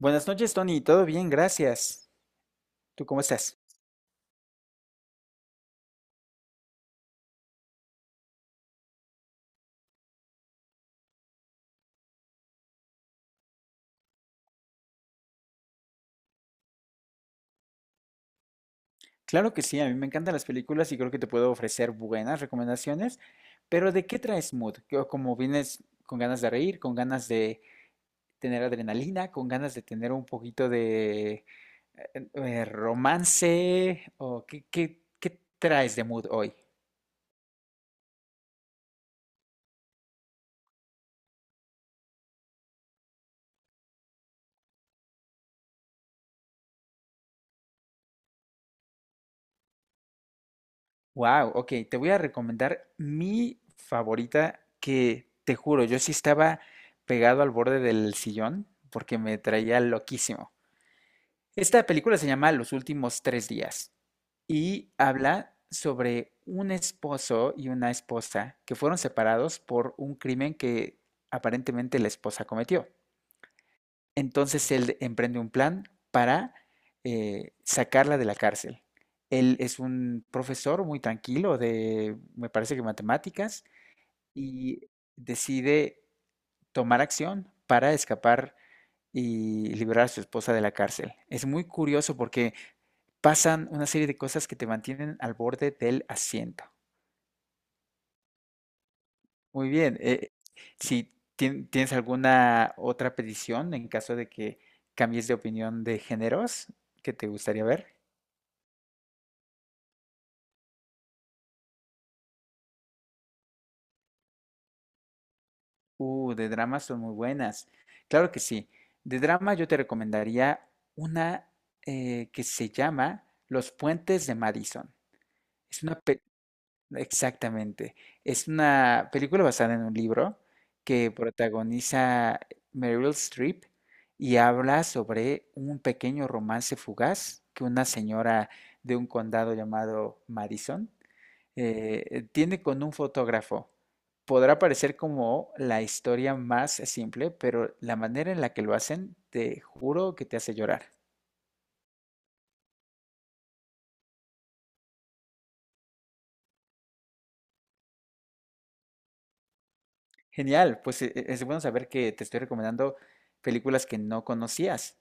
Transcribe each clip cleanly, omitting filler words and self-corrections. Buenas noches, Tony. Todo bien, gracias. ¿Tú cómo estás? Claro que sí, a mí me encantan las películas y creo que te puedo ofrecer buenas recomendaciones, pero ¿de qué traes mood? Como vienes con ganas de reír, con ganas de tener adrenalina, con ganas de tener un poquito de romance, o qué traes de mood hoy? Wow, ok, te voy a recomendar mi favorita que te juro, yo sí estaba pegado al borde del sillón porque me traía loquísimo. Esta película se llama Los Últimos Tres Días y habla sobre un esposo y una esposa que fueron separados por un crimen que aparentemente la esposa cometió. Entonces él emprende un plan para sacarla de la cárcel. Él es un profesor muy tranquilo de, me parece que matemáticas, y decide tomar acción para escapar y liberar a su esposa de la cárcel. Es muy curioso porque pasan una serie de cosas que te mantienen al borde del asiento. Muy bien. Si tien- ¿Tienes alguna otra petición en caso de que cambies de opinión de géneros que te gustaría ver? De dramas son muy buenas. Claro que sí. De drama yo te recomendaría una que se llama Los Puentes de Madison. Es una, pe- Exactamente. Es una película basada en un libro que protagoniza Meryl Streep y habla sobre un pequeño romance fugaz que una señora de un condado llamado Madison tiene con un fotógrafo. Podrá parecer como la historia más simple, pero la manera en la que lo hacen, te juro que te hace llorar. Genial, pues es bueno saber que te estoy recomendando películas que no conocías.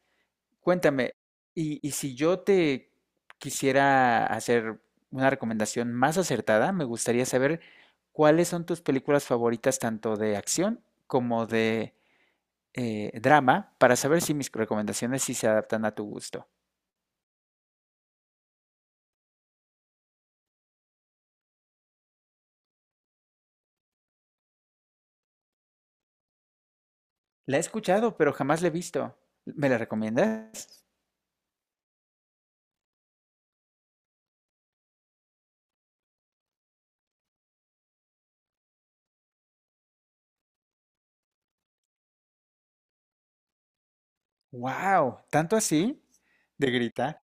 Cuéntame, y si yo te quisiera hacer una recomendación más acertada, me gustaría saber cuáles son tus películas favoritas, tanto de acción como de drama, para saber si mis recomendaciones sí se adaptan a tu gusto. La he escuchado, pero jamás la he visto. ¿Me la recomiendas? ¡Wow! ¿Tanto así? De gritar.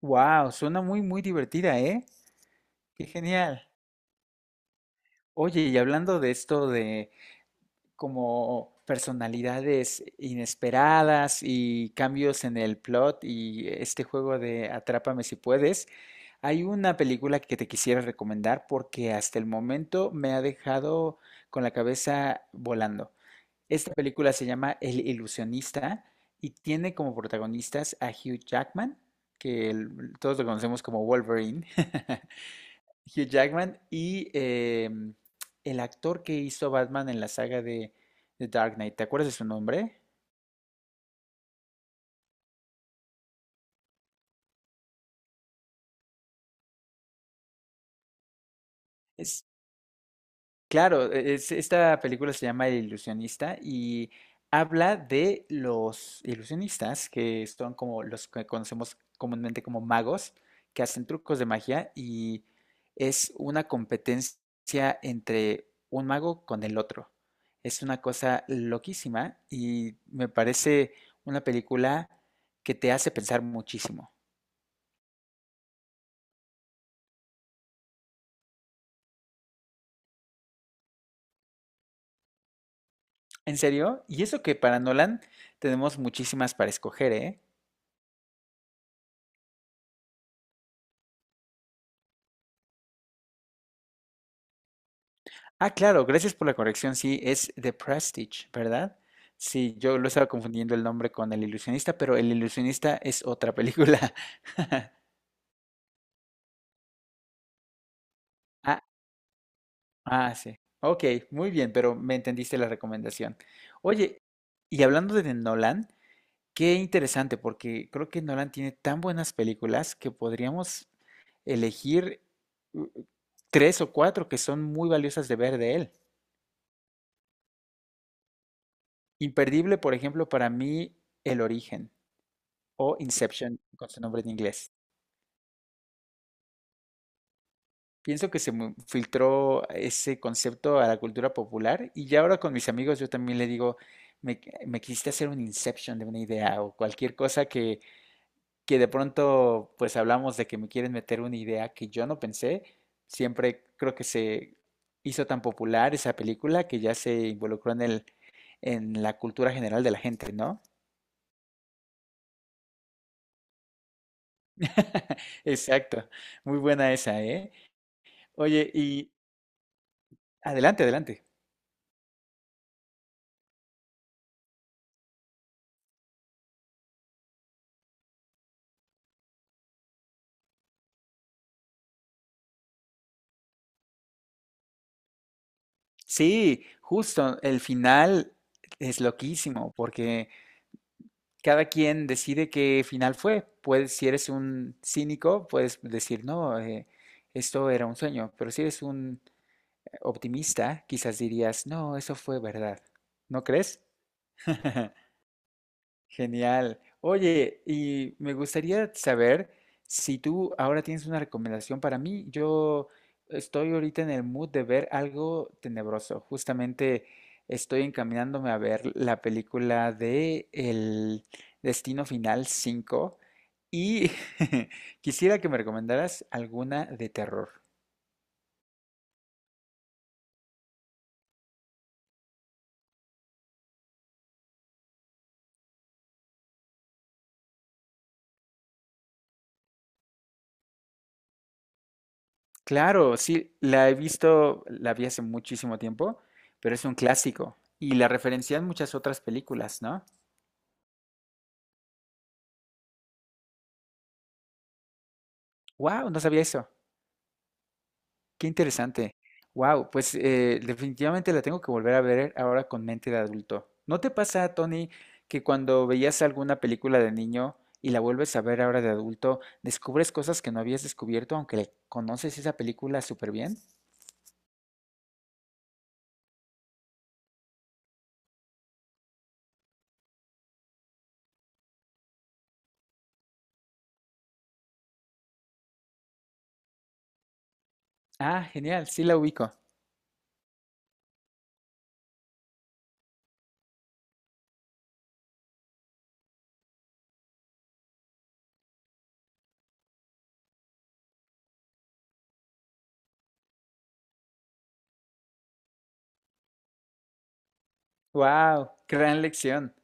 ¡Wow! Suena muy, muy divertida, ¿eh? ¡Qué genial! Oye, y hablando de esto de como personalidades inesperadas y cambios en el plot y este juego de Atrápame Si Puedes. Hay una película que te quisiera recomendar porque hasta el momento me ha dejado con la cabeza volando. Esta película se llama El Ilusionista y tiene como protagonistas a Hugh Jackman, todos lo conocemos como Wolverine, Hugh Jackman y el actor que hizo Batman en la saga de Dark Knight. ¿Te acuerdas de su nombre? Es Claro, esta película se llama El Ilusionista y habla de los ilusionistas, que son como los que conocemos comúnmente como magos, que hacen trucos de magia y es una competencia entre un mago con el otro. Es una cosa loquísima y me parece una película que te hace pensar muchísimo. ¿En serio? Y eso que para Nolan tenemos muchísimas para escoger, ¿eh? Ah, claro, gracias por la corrección. Sí, es The Prestige, ¿verdad? Sí, yo lo estaba confundiendo el nombre con El Ilusionista, pero El Ilusionista es otra película. Ah, ah, sí. Ok, muy bien, pero me entendiste la recomendación. Oye, y hablando de Nolan, qué interesante, porque creo que Nolan tiene tan buenas películas que podríamos elegir uh, tres o cuatro que son muy valiosas de ver de él. Imperdible, por ejemplo, para mí, El Origen, o Inception con su nombre en inglés. Pienso que filtró ese concepto a la cultura popular y ya ahora con mis amigos yo también le digo, me, me quisiste hacer un Inception de una idea o cualquier cosa que de pronto pues hablamos de que me quieren meter una idea que yo no pensé. Siempre creo que se hizo tan popular esa película que ya se involucró en el, en la cultura general de la gente, ¿no? Exacto. Muy buena esa, ¿eh? Oye, y adelante, adelante. Sí, justo, el final es loquísimo porque cada quien decide qué final fue. Puedes, si eres un cínico, puedes decir, no, esto era un sueño, pero si eres un optimista, quizás dirías, no, eso fue verdad. ¿No crees? Genial. Oye, y me gustaría saber si tú ahora tienes una recomendación para mí. Yo estoy ahorita en el mood de ver algo tenebroso. Justamente estoy encaminándome a ver la película de El Destino Final 5 y quisiera que me recomendaras alguna de terror. Claro, sí, la he visto, la vi hace muchísimo tiempo, pero es un clásico y la referencian muchas otras películas, ¿no? Wow, no sabía eso. Qué interesante. Wow, pues definitivamente la tengo que volver a ver ahora con mente de adulto. ¿No te pasa, Tony, que cuando veías alguna película de niño y la vuelves a ver ahora de adulto, descubres cosas que no habías descubierto aunque le conoces esa película súper bien? Ah, genial, sí la ubico. Wow, gran lección.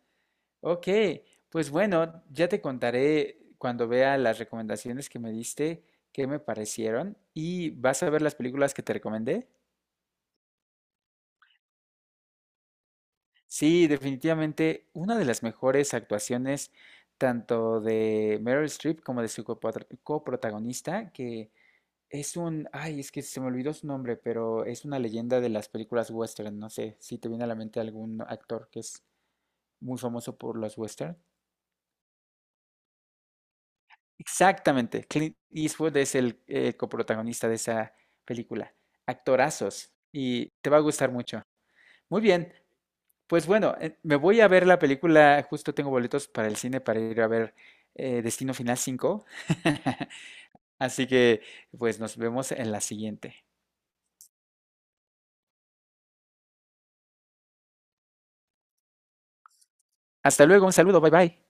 Ok, pues bueno, ya te contaré cuando vea las recomendaciones que me diste, qué me parecieron y vas a ver las películas que te recomendé. Sí, definitivamente una de las mejores actuaciones tanto de Meryl Streep como de su coprotagonista, que es un, ay, es que se me olvidó su nombre, pero es una leyenda de las películas western. No sé si te viene a la mente algún actor que es muy famoso por los western. Exactamente, Clint Eastwood es el coprotagonista de esa película. Actorazos, y te va a gustar mucho. Muy bien. Pues bueno, me voy a ver la película, justo tengo boletos para el cine para ir a ver Destino Final 5. Así que pues nos vemos en la siguiente. Hasta luego, un saludo, bye bye.